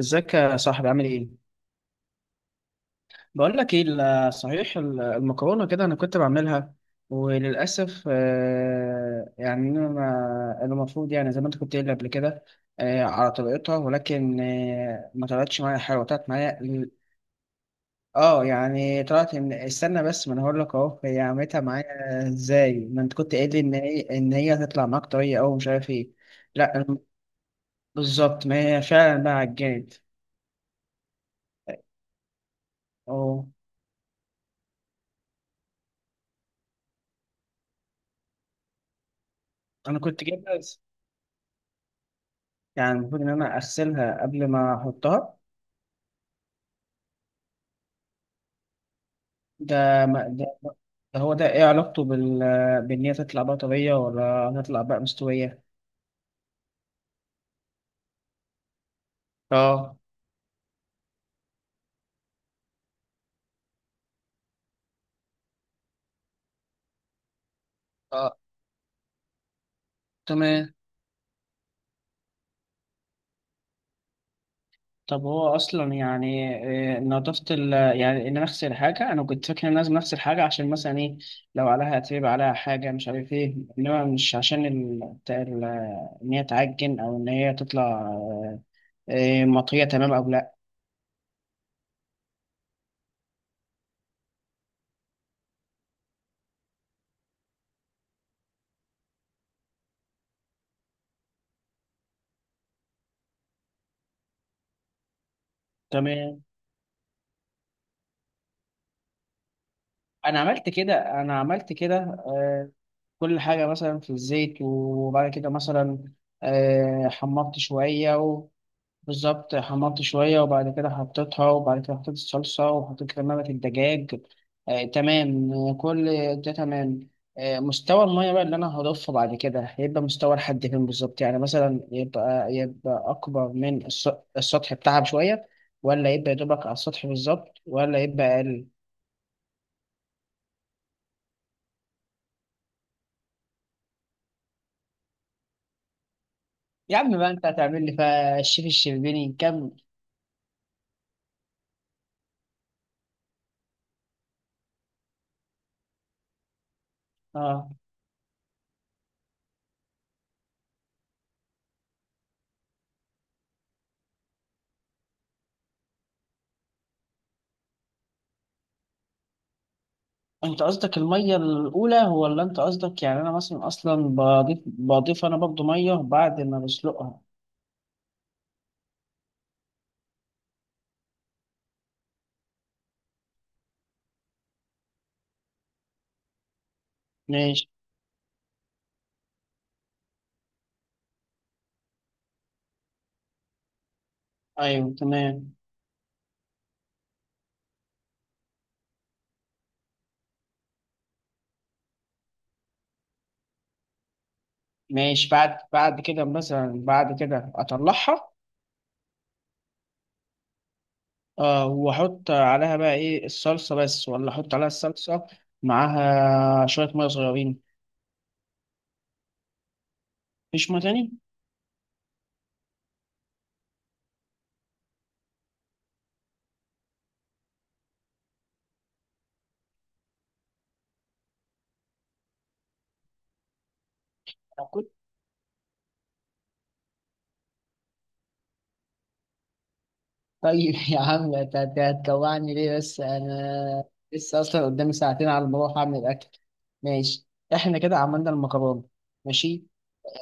ازيك يا صاحبي، عامل ايه؟ بقول لك ايه، صحيح المكرونه كده انا كنت بعملها. وللاسف يعني انا المفروض يعني زي ما انت كنت قايل قبل كده، على طريقتها، ولكن ما طلعتش معايا حلوه، طلعت معايا اه يعني طلعت. من، استنى بس، ما انا هقول لك اهو هي عملتها معايا ازاي ما انت كنت قايل لي ان هي هتطلع معاك طريه او مش عارف ايه. لا، بالظبط، ما هي فعلا بقى عجنت. اه. انا كنت جايبها، يعني المفروض ان انا اغسلها قبل ما احطها. ده ما ده, ده هو ده ايه علاقته بان هي تطلع بقى طريه ولا هتطلع بقى مستويه؟ اه، اه، تمام. طب هو اصلا يعني نظافه يعني ان انا اغسل حاجه، انا كنت فاكر ان لازم اغسل حاجه عشان مثلا ايه، لو عليها اتربه، عليها حاجه مش عارف ايه، انما مش عشان بتاع ان هي تعجن او ان هي تطلع مطريه، تمام او لا؟ تمام. انا عملت كده، انا عملت كده. آه، كل حاجه مثلا في الزيت، وبعد كده مثلا حمرت شويه بالظبط، حمرت شويه وبعد كده حطيتها، وبعد كده حطيت الصلصه، وحطيت كمامه الدجاج. تمام. كل ده تمام. مستوى الميه بقى اللي انا هضيفه بعد كده هيبقى مستوى لحد فين بالظبط؟ يعني مثلا يبقى اكبر من السطح بتاعها بشويه، ولا يبقى يدوبك على السطح بالظبط، ولا يبقى اقل؟ يا عم بقى، انت هتعمل لي فيها الشيف الشربيني؟ نكمل. اه، انت قصدك الميه الاولى ولا انت قصدك يعني انا مثلا اصلا بضيف، انا برضه ميه بعد ما بسلقها؟ ماشي. ايوه، تمام. ماشي، بعد كده مثلا بعد كده اطلعها. اه، واحط عليها بقى ايه؟ الصلصه بس، ولا احط عليها الصلصه معاها شويه ميه صغيرين؟ مفيش ميه تاني. طيب يا عم، هتجوعني ليه بس؟ انا لسه اصلا قدامي ساعتين على ما اروح اعمل الاكل. ماشي، احنا كده عملنا المكرونه. ماشي.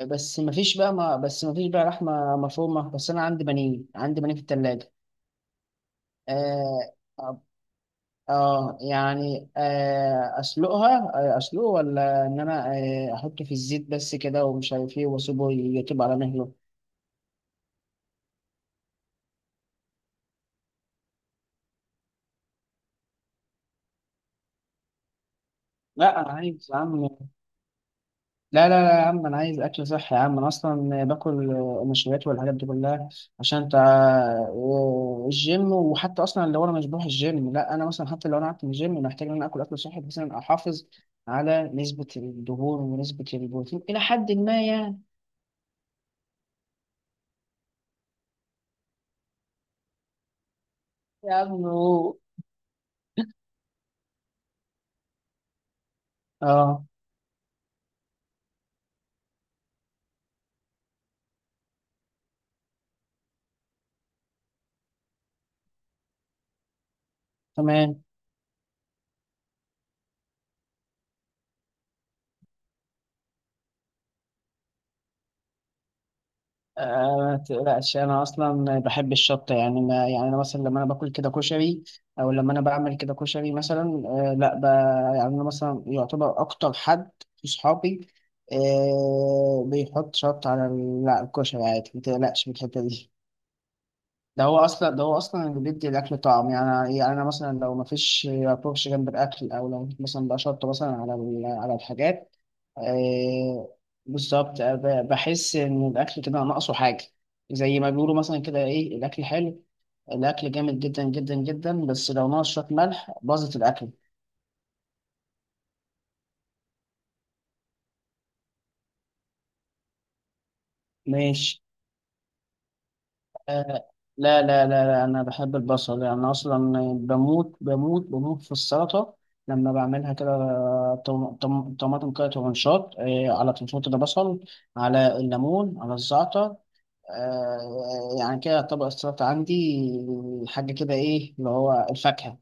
بس مفيش بقى، ما بس مفيش بقى لحمه مفرومه، بس انا عندي بانيه، عندي بانيه في التلاجة. اه. آه، يعني اسلقها، اسلقه ولا ان انا احطه في الزيت بس كده ومش عارف ايه واسيبه يطيب على مهله؟ لا انا عايز يا عم. لا، لا، لا يا عم، انا عايز اكل صحي يا عم، انا اصلا باكل نشويات والحاجات دي كلها، عشان انت الجيم، وحتى اصلا لو انا مش بروح الجيم، لا انا مثلا حتى لو انا قعدت من الجيم، محتاج ان انا اكل اكل صحي بحيث ان أنا احافظ على نسبة الدهون ونسبة البروتين الى حد ما يعني. يا عم. اه، تمام. ما تقلقش، انا اصلا بحب الشطه يعني، ما يعني انا مثلا لما انا باكل كده كشري او لما انا بعمل كده كشري مثلا، آه لا يعني انا مثلا يعتبر اكتر حد في صحابي آه بيحط شطه على لا، الكشري عادي، ما تقلقش من الحته دي. ده هو اصلا اللي بيدي الاكل طعم. يعني انا مثلا لو ما فيش فرش جنب الاكل، او لو مثلا بقى شطه مثلا على على الحاجات. آه، بالظبط. بحس ان الاكل كده ناقصه حاجه، زي ما بيقولوا مثلا كده. ايه الاكل حلو، الاكل جامد جدا جدا جدا، بس لو ناقص شويه ملح باظت الاكل. ماشي. آه. لا، لا، لا، لا، انا بحب البصل، يعني انا اصلا بموت بموت بموت في السلطه لما بعملها كده. طماطم كده ترنشات، آه، على تنشوط، ده بصل، على الليمون، على الزعتر. آه، يعني كده يعتبر السلطة عندي حاجة كده، إيه اللي هو، الفاكهة.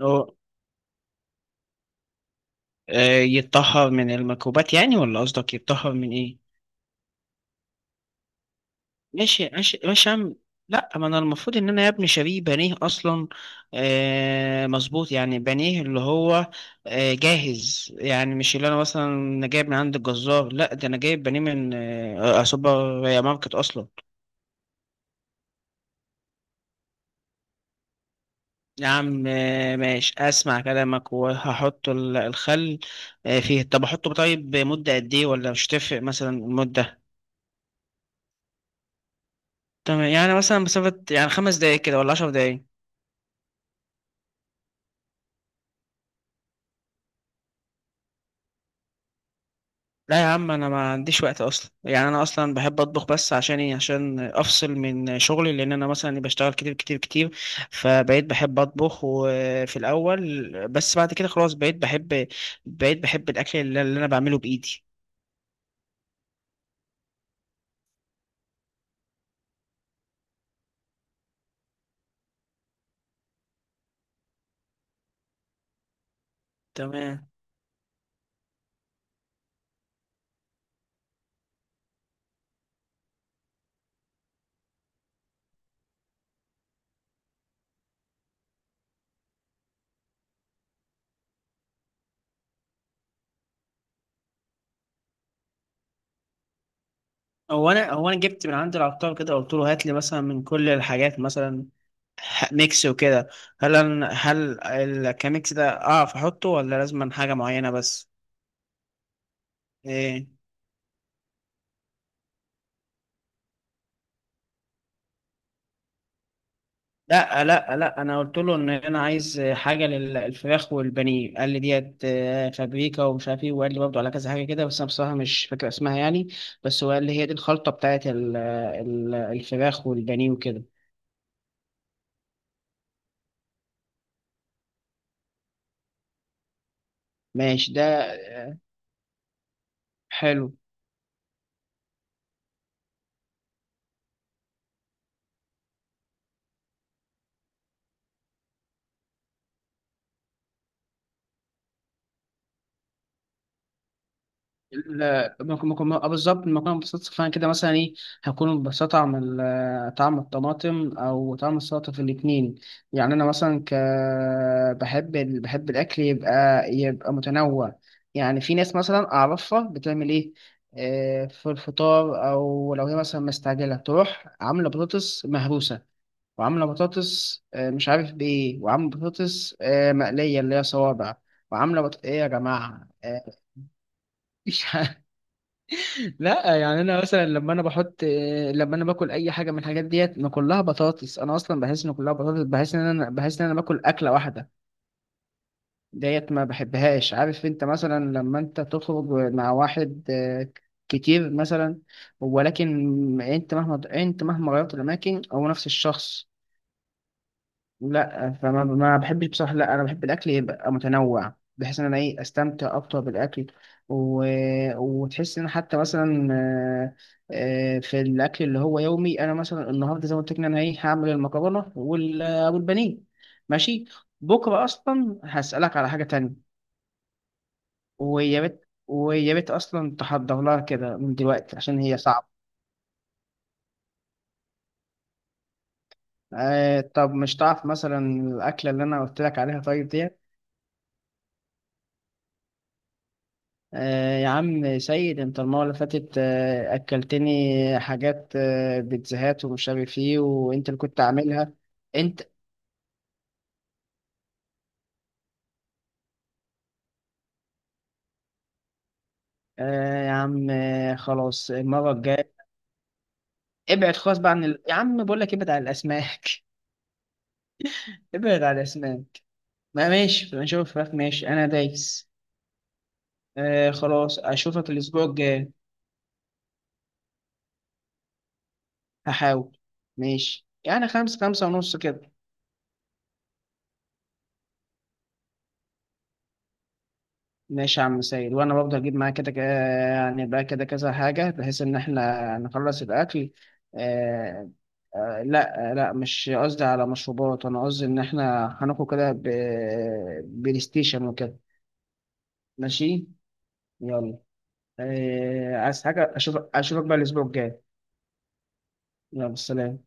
اه. يتطهر من الميكروبات يعني، ولا قصدك يتطهر من ايه؟ ماشي، ماشي، ماشي يا عم. لا، ما انا المفروض ان انا يا ابني شاريه بانيه اصلا. آه، مظبوط، يعني بانيه اللي هو جاهز، يعني مش اللي انا مثلا جايب من عند الجزار، لا ده انا جايب بانيه من سوبر ماركت اصلا. يا عم. ماشي، اسمع كلامك وهحط الخل. فيه. طب احطه طيب، مدة قد ايه ولا مش تفرق مثلا المدة؟ تمام، يعني مثلا مسافة يعني 5 دقايق كده ولا 10 دقايق؟ لا يا عم، انا ما عنديش وقت اصلا، يعني انا اصلا بحب اطبخ بس عشان ايه؟ عشان افصل من شغلي، لان انا مثلا بشتغل كتير كتير كتير. فبقيت بحب اطبخ وفي الاول بس، بعد كده خلاص بقيت بحب الاكل اللي انا بعمله بايدي. تمام. هو انا جبت من عند العطار كده، قلت له هات لي مثلا من كل الحاجات مثلا، ميكس وكده. هل الكاميكس ده اعرف احطه ولا لازم حاجه معينه بس؟ إيه؟ لا، لا، لا، انا قلت له ان انا عايز حاجه للفراخ والبانيه، قال لي ديت فابريكا ومش عارف ايه، وقال لي برضه على كذا حاجه كده، بس انا بصراحه مش فاكر اسمها يعني. بس هو قال لي هي دي الخلطه بتاعت الفراخ والبانيه وكده. ماشي، ده حلو. لا، ممكن ممكن، بالظبط، المكرونه بالصلصه، فانا كده مثلا ايه؟ هكون ببساطة طعم طعم الطماطم او طعم السلطه في الاتنين. يعني انا مثلا بحب بحب الاكل يبقى متنوع. يعني في ناس مثلا اعرفها بتعمل ايه؟ في الفطار، او لو هي مثلا مستعجله تروح عامله بطاطس مهروسه، وعامله بطاطس مش عارف بايه، وعامله بطاطس مقليه اللي هي صوابع، وعامله ايه يا جماعه؟ مش، لا يعني انا مثلا لما انا بحط، لما انا باكل اي حاجه من الحاجات ديت، ما كلها بطاطس، انا اصلا بحس ان كلها بطاطس، بحس ان انا باكل اكله واحده. ديت ما بحبهاش. عارف انت مثلا لما انت تخرج مع واحد كتير مثلا، ولكن انت مهما غيرت الاماكن هو نفس الشخص. لا ما بحبش بصراحة. لا، أنا بحب الأكل يبقى متنوع، بحيث إن أنا إيه أستمتع أكتر بالأكل، و... وتحس إن حتى مثلا في الأكل اللي هو يومي، أنا مثلا النهاردة زي ما قلت لك إن أنا إيه هعمل المكرونة والبانيه. ماشي. بكرة أصلا هسألك على حاجة تانية، ويا ريت ويا ريت أصلا تحضر لها كده من دلوقتي عشان هي صعبة. آه، طب مش تعرف مثلا الأكلة اللي أنا قلت لك عليها طيب ديت؟ آه يا عم سيد، انت المرة اللي فاتت أكلتني حاجات آه بيتزاهات ومش عارف ايه وانت اللي كنت عاملها. انت. يا عم، خلاص، المرة الجاية. ابعد خالص بقى عن يا عم بقول لك، ابعد عن الأسماك. ابعد عن الأسماك. ما ماشي نشوف فراخ. ماشي، أنا دايس. آه، خلاص أشوفك الأسبوع الجاي. هحاول. ماشي، يعني 5، 5:30 كده. ماشي يا عم سيد. وانا برضه هجيب معايا كده يعني بقى كده كذا حاجه، بحيث ان احنا نخلص الاكل. آه. آه لا، لا مش قصدي على مشروبات، انا قصدي ان احنا هناخد كده بلاي ستيشن وكده. ماشي. يلا. آه، عايز حاجه؟ اشوفك بقى الاسبوع الجاي. يلا، سلام.